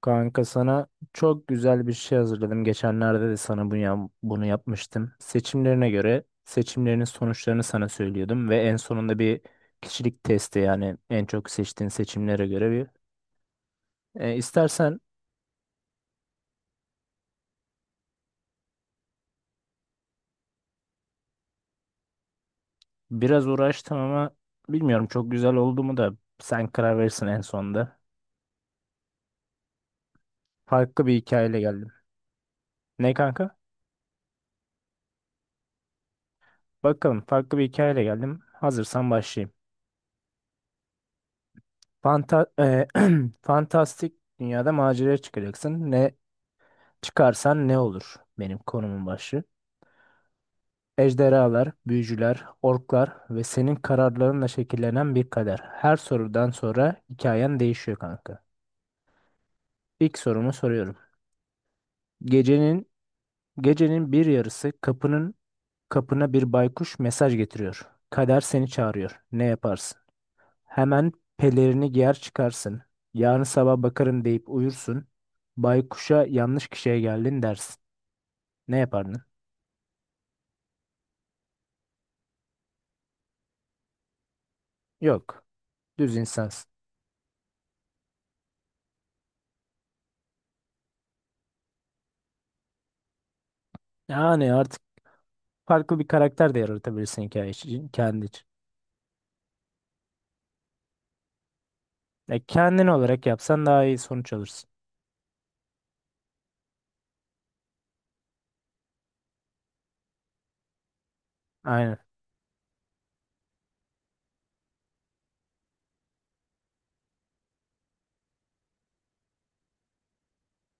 Kanka sana çok güzel bir şey hazırladım. Geçenlerde de sana bunu yapmıştım. Seçimlerine göre seçimlerinin sonuçlarını sana söylüyordum ve en sonunda bir kişilik testi, yani en çok seçtiğin seçimlere göre bir. İstersen biraz uğraştım ama bilmiyorum çok güzel oldu mu, da sen karar verirsin en sonunda. Farklı bir hikayeyle geldim. Ne kanka? Bakalım, farklı bir hikayeyle geldim. Hazırsan başlayayım. Fanta e, fantastik dünyada maceraya çıkacaksın. Çıkarsan ne olur? Benim konumun başı. Ejderhalar, büyücüler, orklar ve senin kararlarınla şekillenen bir kader. Her sorudan sonra hikayen değişiyor kanka. İlk sorumu soruyorum. Gecenin gecenin bir yarısı kapına bir baykuş mesaj getiriyor. Kader seni çağırıyor. Ne yaparsın? Hemen pelerini giyer çıkarsın. Yarın sabah bakarım deyip uyursun. Baykuşa yanlış kişiye geldin dersin. Ne yapardın? Yok. Düz insansın. Yani artık farklı bir karakter de yaratabilirsin hikaye için, kendi için. Kendin olarak yapsan daha iyi sonuç alırsın. Aynen.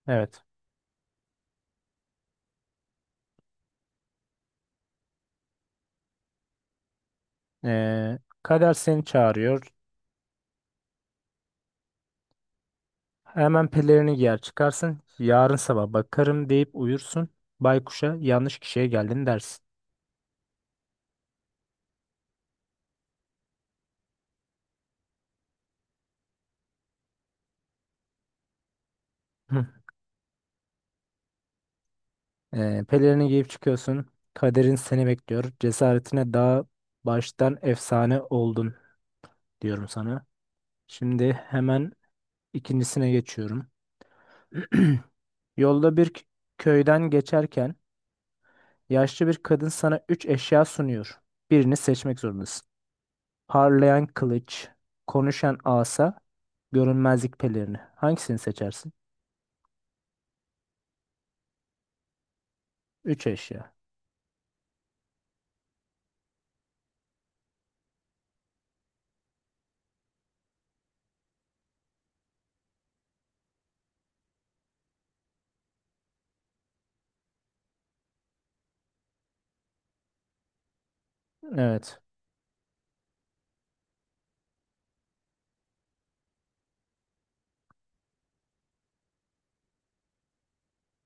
Evet. Kader seni çağırıyor. Hemen pelerini giyer çıkarsın. Yarın sabah bakarım deyip uyursun. Baykuşa yanlış kişiye geldin dersin. Hı. Pelerini giyip çıkıyorsun. Kaderin seni bekliyor. Cesaretine daha baştan efsane oldun diyorum sana. Şimdi hemen ikincisine geçiyorum. Yolda bir köyden geçerken yaşlı bir kadın sana üç eşya sunuyor. Birini seçmek zorundasın. Parlayan kılıç, konuşan asa, görünmezlik pelerini. Hangisini seçersin? Üç eşya. Evet.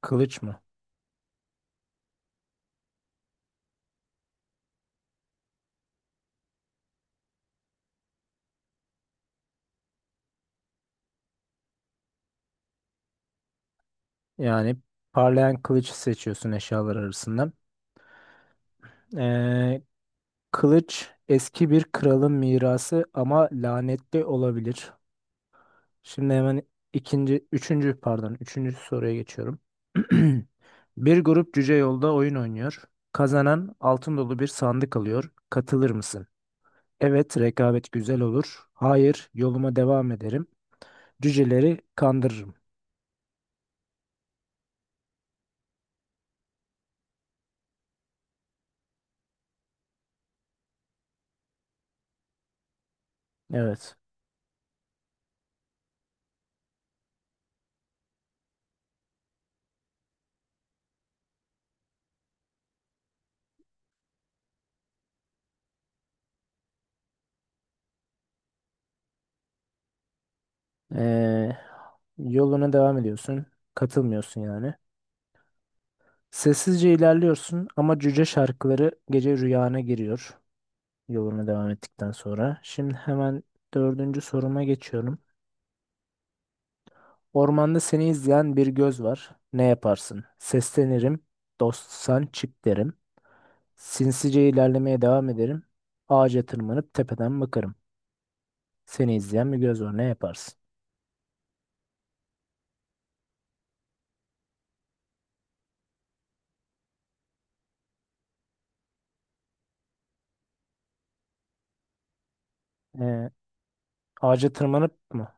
Kılıç mı? Yani parlayan kılıcı seçiyorsun eşyalar arasından. Ee, kılıç eski bir kralın mirası ama lanetli olabilir. Şimdi hemen üçüncü, pardon, üçüncü soruya geçiyorum. Bir grup cüce yolda oyun oynuyor. Kazanan altın dolu bir sandık alıyor. Katılır mısın? Evet, rekabet güzel olur. Hayır, yoluma devam ederim. Cüceleri kandırırım. Evet. Ee, yoluna devam ediyorsun. Katılmıyorsun yani. Sessizce ilerliyorsun ama cüce şarkıları gece rüyana giriyor. Yoluna devam ettikten sonra. Şimdi hemen dördüncü soruma geçiyorum. Ormanda seni izleyen bir göz var. Ne yaparsın? Seslenirim. Dostsan çık derim. Sinsice ilerlemeye devam ederim. Ağaca tırmanıp tepeden bakarım. Seni izleyen bir göz var. Ne yaparsın? Ee, ağaca tırmanıp mı?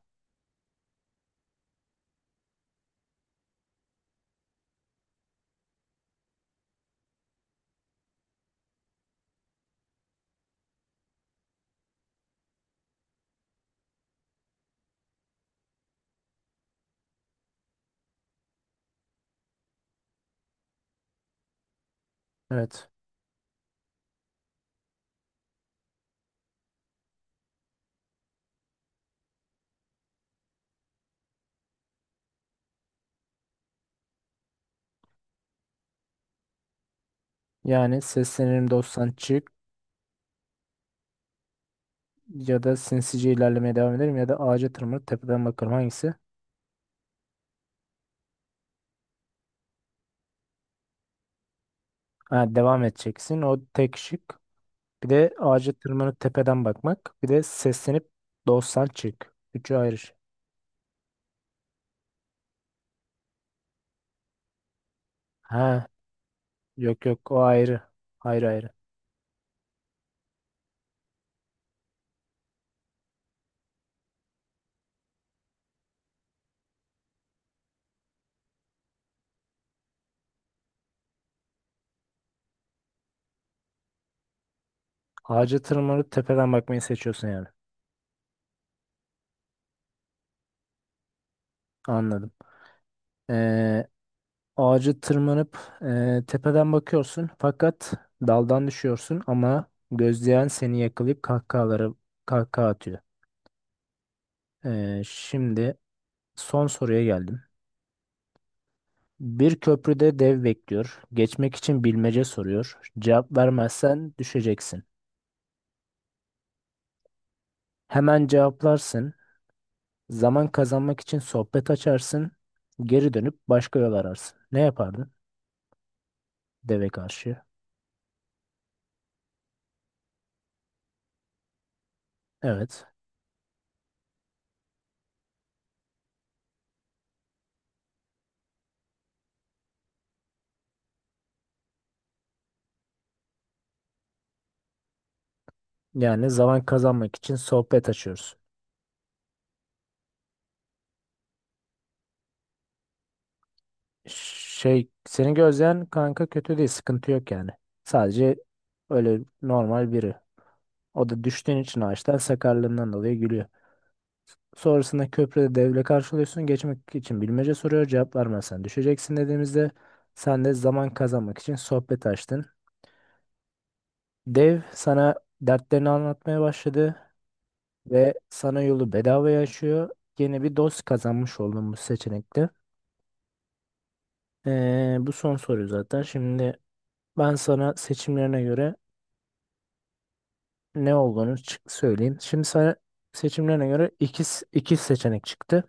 Evet. Yani seslenirim dostsan çık, ya da sinsice ilerlemeye devam ederim, ya da ağaca tırmanıp tepeden bakarım. Hangisi? Ha, devam edeceksin. O tek şık. Bir de ağaca tırmanıp tepeden bakmak. Bir de seslenip dostsan çık. Üçü ayrı şey. Ha, yok yok o ayrı. Ayrı ayrı. Ağaca tırmanıp tepeden bakmayı seçiyorsun yani. Anladım. Ee, ağaca tırmanıp tepeden bakıyorsun fakat daldan düşüyorsun ama gözleyen seni yakalayıp kahkaha atıyor. Şimdi son soruya geldim. Bir köprüde dev bekliyor. Geçmek için bilmece soruyor. Cevap vermezsen düşeceksin. Hemen cevaplarsın. Zaman kazanmak için sohbet açarsın, geri dönüp başka yol ararsın. Ne yapardın deve karşı? Evet. Yani zaman kazanmak için sohbet açıyoruz. Şey, seni gözleyen kanka kötü değil, sıkıntı yok yani. Sadece öyle normal biri. O da düştüğün için ağaçtan, sakarlığından dolayı gülüyor. Sonrasında köprüde devle karşılıyorsun. Geçmek için bilmece soruyor. Cevap vermezsen düşeceksin dediğimizde sen de zaman kazanmak için sohbet açtın. Dev sana dertlerini anlatmaya başladı. Ve sana yolu bedavaya açıyor. Yeni bir dost kazanmış oldun bu seçenekte. Bu son soru zaten. Şimdi ben sana seçimlerine göre ne olduğunu söyleyeyim. Şimdi sana seçimlerine göre iki seçenek çıktı.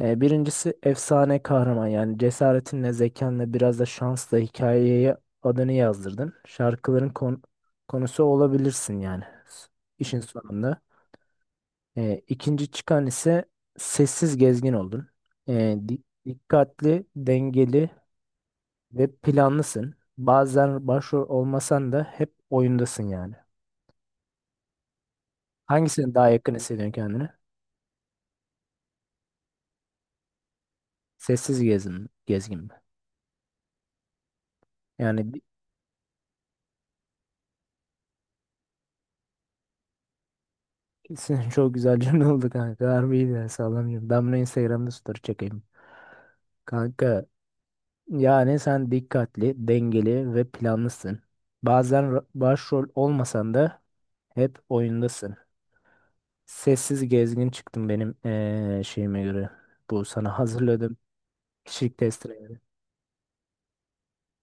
Birincisi efsane kahraman, yani cesaretinle, zekanla, biraz da şansla hikayeye adını yazdırdın. Şarkıların konusu olabilirsin yani s- işin sonunda. İkinci çıkan ise sessiz gezgin oldun. Dikkatli, dengeli ve planlısın. Bazen başrol olmasan da hep oyundasın yani. Hangisine daha yakın hissediyorsun kendini? Sessiz gezgin mi? Yani ikisini çok güzel cümle oldu kanka. Harbiydi ya, sağlam cümle. Ben bunu Instagram'da story çekeyim. Kanka, yani sen dikkatli, dengeli ve planlısın. Bazen başrol olmasan da hep oyundasın. Sessiz gezgin çıktım benim şeyime göre. Bu sana hazırladığım kişilik testine göre.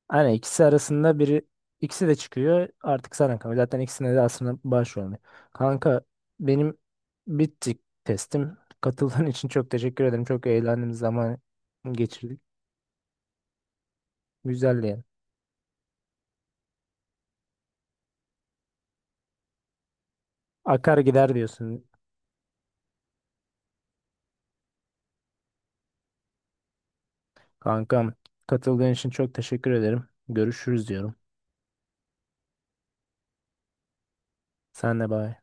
Aynen, ikisi arasında biri ikisi de çıkıyor. Artık sana kalıyor. Zaten ikisine de aslında başvuruyorum. Kanka, benim bitti testim. Katıldığın için çok teşekkür ederim. Çok eğlendim, zaman geçirdik. Güzeldi yani. Akar gider diyorsun kankam. Katıldığın için çok teşekkür ederim. Görüşürüz diyorum. Sen de bay.